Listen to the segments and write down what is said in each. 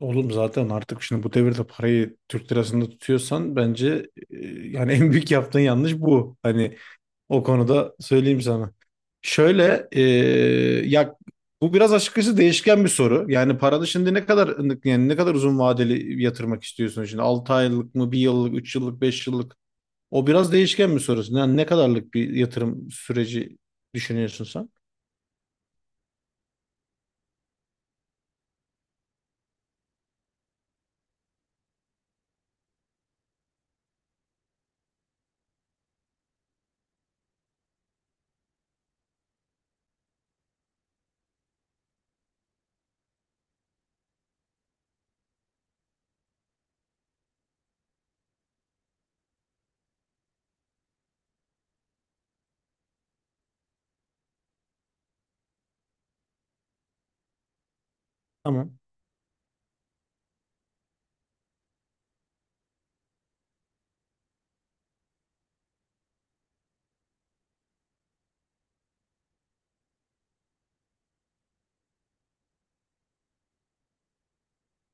Oğlum zaten artık şimdi bu devirde parayı Türk lirasında tutuyorsan bence yani en büyük yaptığın yanlış bu. Hani o konuda söyleyeyim sana. Şöyle ya bu biraz açıkçası değişken bir soru. Yani paranı şimdi ne kadar yani ne kadar uzun vadeli yatırmak istiyorsun, şimdi 6 aylık mı, 1 yıllık, 3 yıllık, 5 yıllık? O biraz değişken bir soru. Yani ne kadarlık bir yatırım süreci düşünüyorsun sen? Tamam.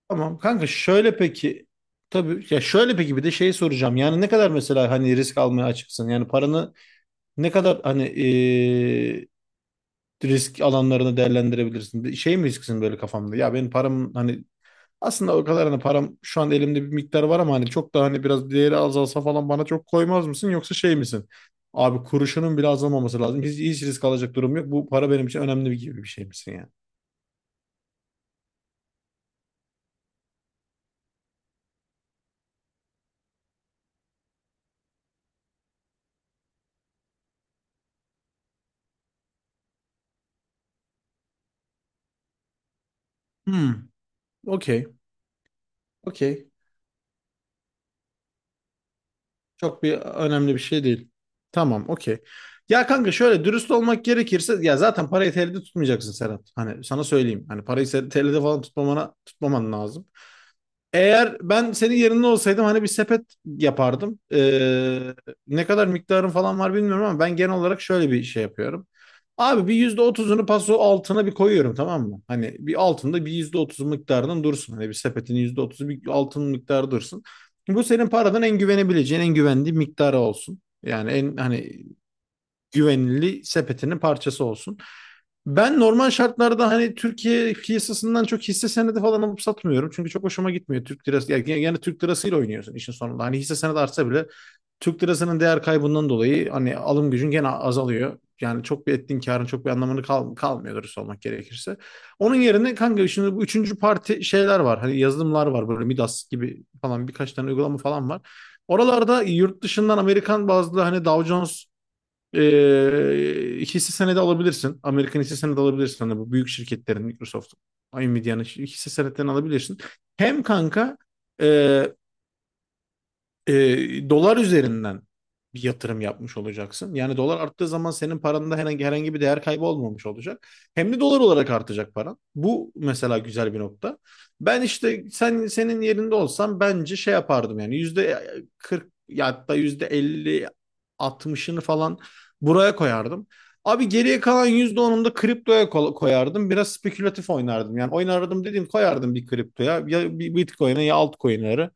Tamam kanka, şöyle peki, tabii ya, şöyle peki bir de şey soracağım. Yani ne kadar mesela hani risk almaya açıksın? Yani paranı ne kadar hani risk alanlarını değerlendirebilirsin? Bir şey mi risksin böyle kafamda? Ya benim param hani aslında o kadar, hani param şu an elimde bir miktar var ama hani çok da, hani biraz değeri azalsa falan bana çok koymaz mısın? Yoksa şey misin? Abi kuruşunun bile azalmaması lazım. Hiç, hiç risk alacak durum yok. Bu para benim için önemli, bir gibi bir şey misin yani? Hmm, okey, okey. Çok bir önemli bir şey değil. Tamam, okey. Ya kanka şöyle dürüst olmak gerekirse, ya zaten parayı TL'de tutmayacaksın Serhat. Hani sana söyleyeyim. Hani parayı TL'de falan tutmaman lazım. Eğer ben senin yerinde olsaydım hani bir sepet yapardım. Ne kadar miktarın falan var bilmiyorum ama ben genel olarak şöyle bir şey yapıyorum. Abi bir %30'unu paso altına bir koyuyorum, tamam mı? Hani bir altında bir %30 miktarının dursun. Hani bir sepetin %30'u bir altın miktarı dursun. Bu senin paradan en güvenebileceğin, en güvendiği miktarı olsun. Yani en hani güvenilir sepetinin parçası olsun. Ben normal şartlarda hani Türkiye piyasasından çok hisse senedi falan alıp satmıyorum. Çünkü çok hoşuma gitmiyor Türk lirası. Yani Türk lirasıyla oynuyorsun işin sonunda. Hani hisse senedi artsa bile Türk lirasının değer kaybından dolayı hani alım gücün gene azalıyor. Yani çok, bir ettiğin karın çok bir anlamını kalmıyor dürüst olmak gerekirse. Onun yerine kanka şimdi bu üçüncü parti şeyler var. Hani yazılımlar var, böyle Midas gibi falan birkaç tane uygulama falan var. Oralarda yurt dışından Amerikan bazlı hani Dow Jones hisse senedi alabilirsin. Amerikan hisse senedi alabilirsin. Hani bu büyük şirketlerin, Microsoft, Nvidia'nın hisse senetlerini alabilirsin. Hem kanka e, dolar üzerinden bir yatırım yapmış olacaksın. Yani dolar arttığı zaman senin paranda herhangi bir değer kaybı olmamış olacak. Hem de dolar olarak artacak paran. Bu mesela güzel bir nokta. Ben işte senin yerinde olsam bence şey yapardım, yani yüzde 40, ya hatta yüzde 50, 60'ını falan buraya koyardım. Abi geriye kalan %10'unu da kriptoya koyardım. Biraz spekülatif oynardım. Yani oynardım dediğim, koyardım bir kriptoya. Ya bir Bitcoin'e, ya altcoin'lere.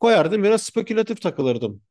Koyardım, biraz spekülatif takılırdım.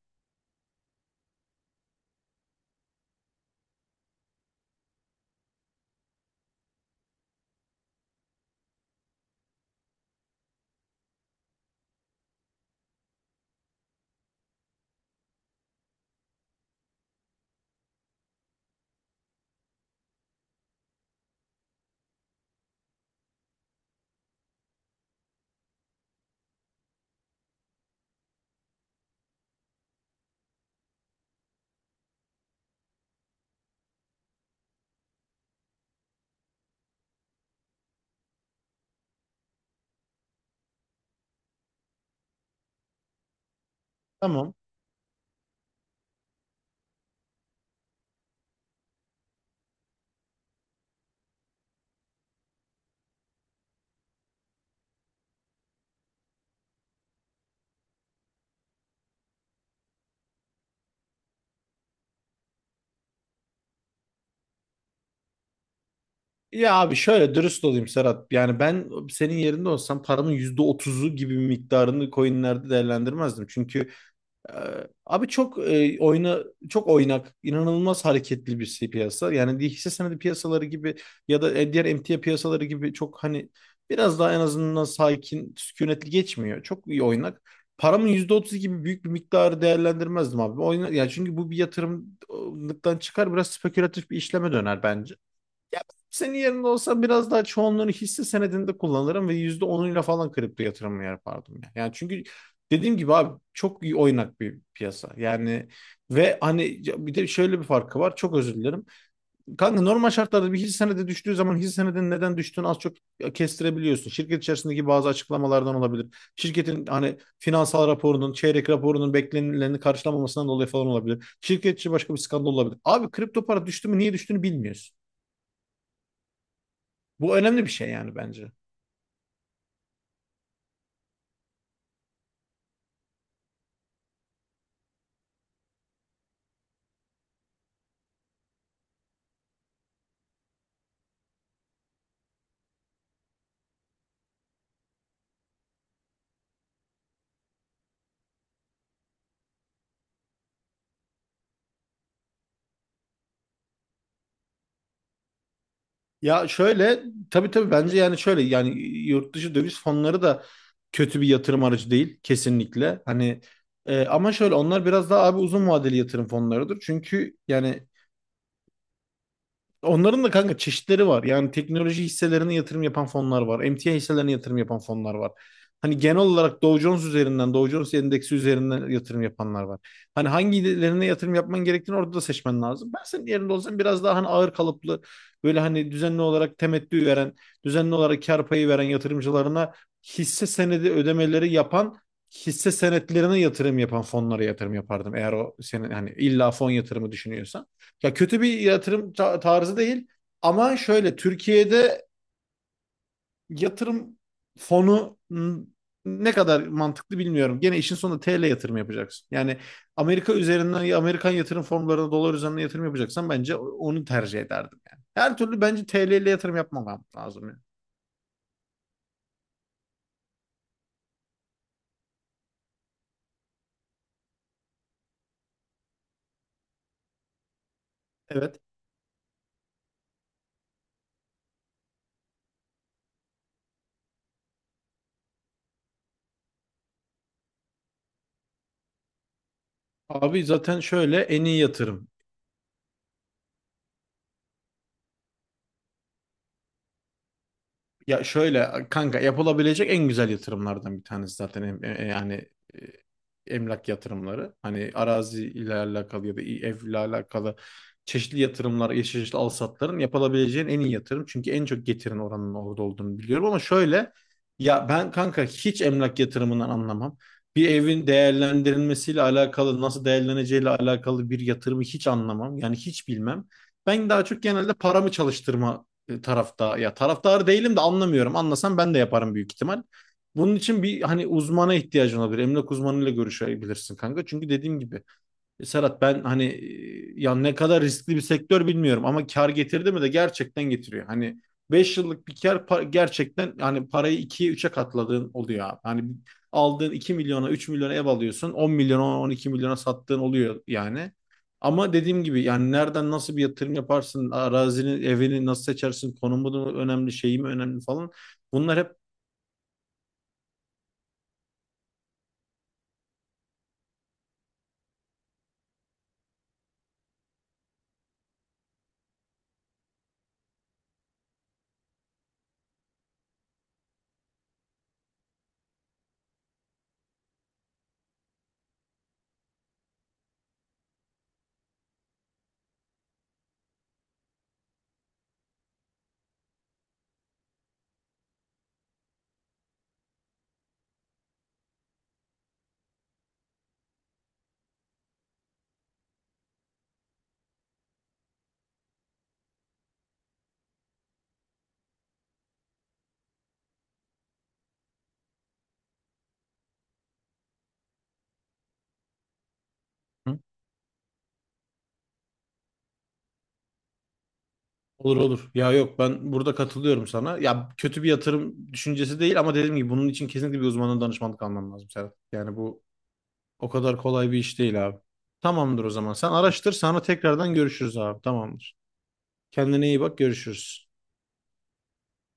Tamam. Ya abi şöyle dürüst olayım Serhat. Yani ben senin yerinde olsam paramın %30'u gibi bir miktarını coinlerde değerlendirmezdim. Çünkü abi çok çok oynak, inanılmaz hareketli bir şey piyasa. Yani hisse senedi piyasaları gibi ya da diğer emtia piyasaları gibi çok hani biraz daha en azından sakin, sükunetli geçmiyor. Çok iyi oynak. Paramın %30 gibi büyük bir miktarı değerlendirmezdim abi. Yani çünkü bu bir yatırımlıktan çıkar, biraz spekülatif bir işleme döner bence. Ya ben senin yerinde olsam biraz daha çoğunluğunu hisse senedinde kullanırım ve %10'uyla falan kripto yatırımı yapardım. Yani çünkü dediğim gibi abi çok iyi oynak bir piyasa. Yani ve hani bir de şöyle bir farkı var. Çok özür dilerim. Kanka normal şartlarda bir hisse senedi düştüğü zaman, hisse senedinin neden düştüğünü az çok kestirebiliyorsun. Şirket içerisindeki bazı açıklamalardan olabilir. Şirketin hani finansal raporunun, çeyrek raporunun beklenileni karşılamamasından dolayı falan olabilir. Şirket içi başka bir skandal olabilir. Abi kripto para düştü mü niye düştüğünü bilmiyorsun. Bu önemli bir şey yani bence. Ya şöyle, tabii tabii bence, yani şöyle, yani yurt dışı döviz fonları da kötü bir yatırım aracı değil kesinlikle. Hani ama şöyle, onlar biraz daha abi uzun vadeli yatırım fonlarıdır. Çünkü yani onların da kanka çeşitleri var. Yani teknoloji hisselerine yatırım yapan fonlar var, emtia hisselerine yatırım yapan fonlar var. Hani genel olarak Dow Jones üzerinden, Dow Jones endeksi üzerinden yatırım yapanlar var. Hani hangilerine yatırım yapman gerektiğini orada da seçmen lazım. Ben senin yerinde olsam biraz daha hani ağır kalıplı, böyle hani düzenli olarak temettü veren, düzenli olarak kar payı veren yatırımcılarına hisse senedi ödemeleri yapan, hisse senetlerine yatırım yapan fonlara yatırım yapardım. Eğer o, senin hani illa fon yatırımı düşünüyorsan. Ya kötü bir yatırım tarzı değil ama şöyle, Türkiye'de yatırım fonu ne kadar mantıklı bilmiyorum. Gene işin sonunda TL yatırım yapacaksın. Yani Amerika üzerinden, ya Amerikan yatırım fonlarına dolar üzerinden yatırım yapacaksan bence onu tercih ederdim yani. Her türlü bence TL ile yatırım yapmam lazım yani. Evet. Abi zaten şöyle en iyi yatırım. Ya şöyle kanka, yapılabilecek en güzel yatırımlardan bir tanesi zaten yani e, emlak yatırımları. Hani arazi ile alakalı ya da ev ile alakalı çeşitli yatırımlar, çeşitli alsatların yapılabileceğin en iyi yatırım. Çünkü en çok getirin oranının orada olduğunu biliyorum ama şöyle, ya ben kanka hiç emlak yatırımından anlamam. Bir evin değerlendirilmesiyle alakalı, nasıl değerleneceğiyle alakalı bir yatırımı hiç anlamam. Yani hiç bilmem. Ben daha çok genelde paramı çalıştırma tarafta, ya taraftarı değilim de anlamıyorum. Anlasam ben de yaparım büyük ihtimal. Bunun için bir hani uzmana ihtiyacın olabilir. Emlak uzmanıyla görüşebilirsin kanka. Çünkü dediğim gibi Serhat, ben hani ya ne kadar riskli bir sektör bilmiyorum ama kar getirdi mi de gerçekten getiriyor. Hani 5 yıllık bir kar gerçekten, yani parayı 2'ye 3'e katladığın oluyor abi. Hani aldığın 2 milyona, 3 milyona ev alıyorsun, 10 milyona, 12 milyona sattığın oluyor yani. Ama dediğim gibi yani, nereden nasıl bir yatırım yaparsın, arazinin, evini nasıl seçersin, konumu da önemli, şeyi mi önemli falan. Bunlar hep. Olur olur. Ya yok, ben burada katılıyorum sana. Ya kötü bir yatırım düşüncesi değil ama dediğim gibi, bunun için kesinlikle bir uzmanın danışmanlık alman lazım Serhat. Yani bu o kadar kolay bir iş değil abi. Tamamdır o zaman. Sen araştır, sonra tekrardan görüşürüz abi. Tamamdır. Kendine iyi bak, görüşürüz.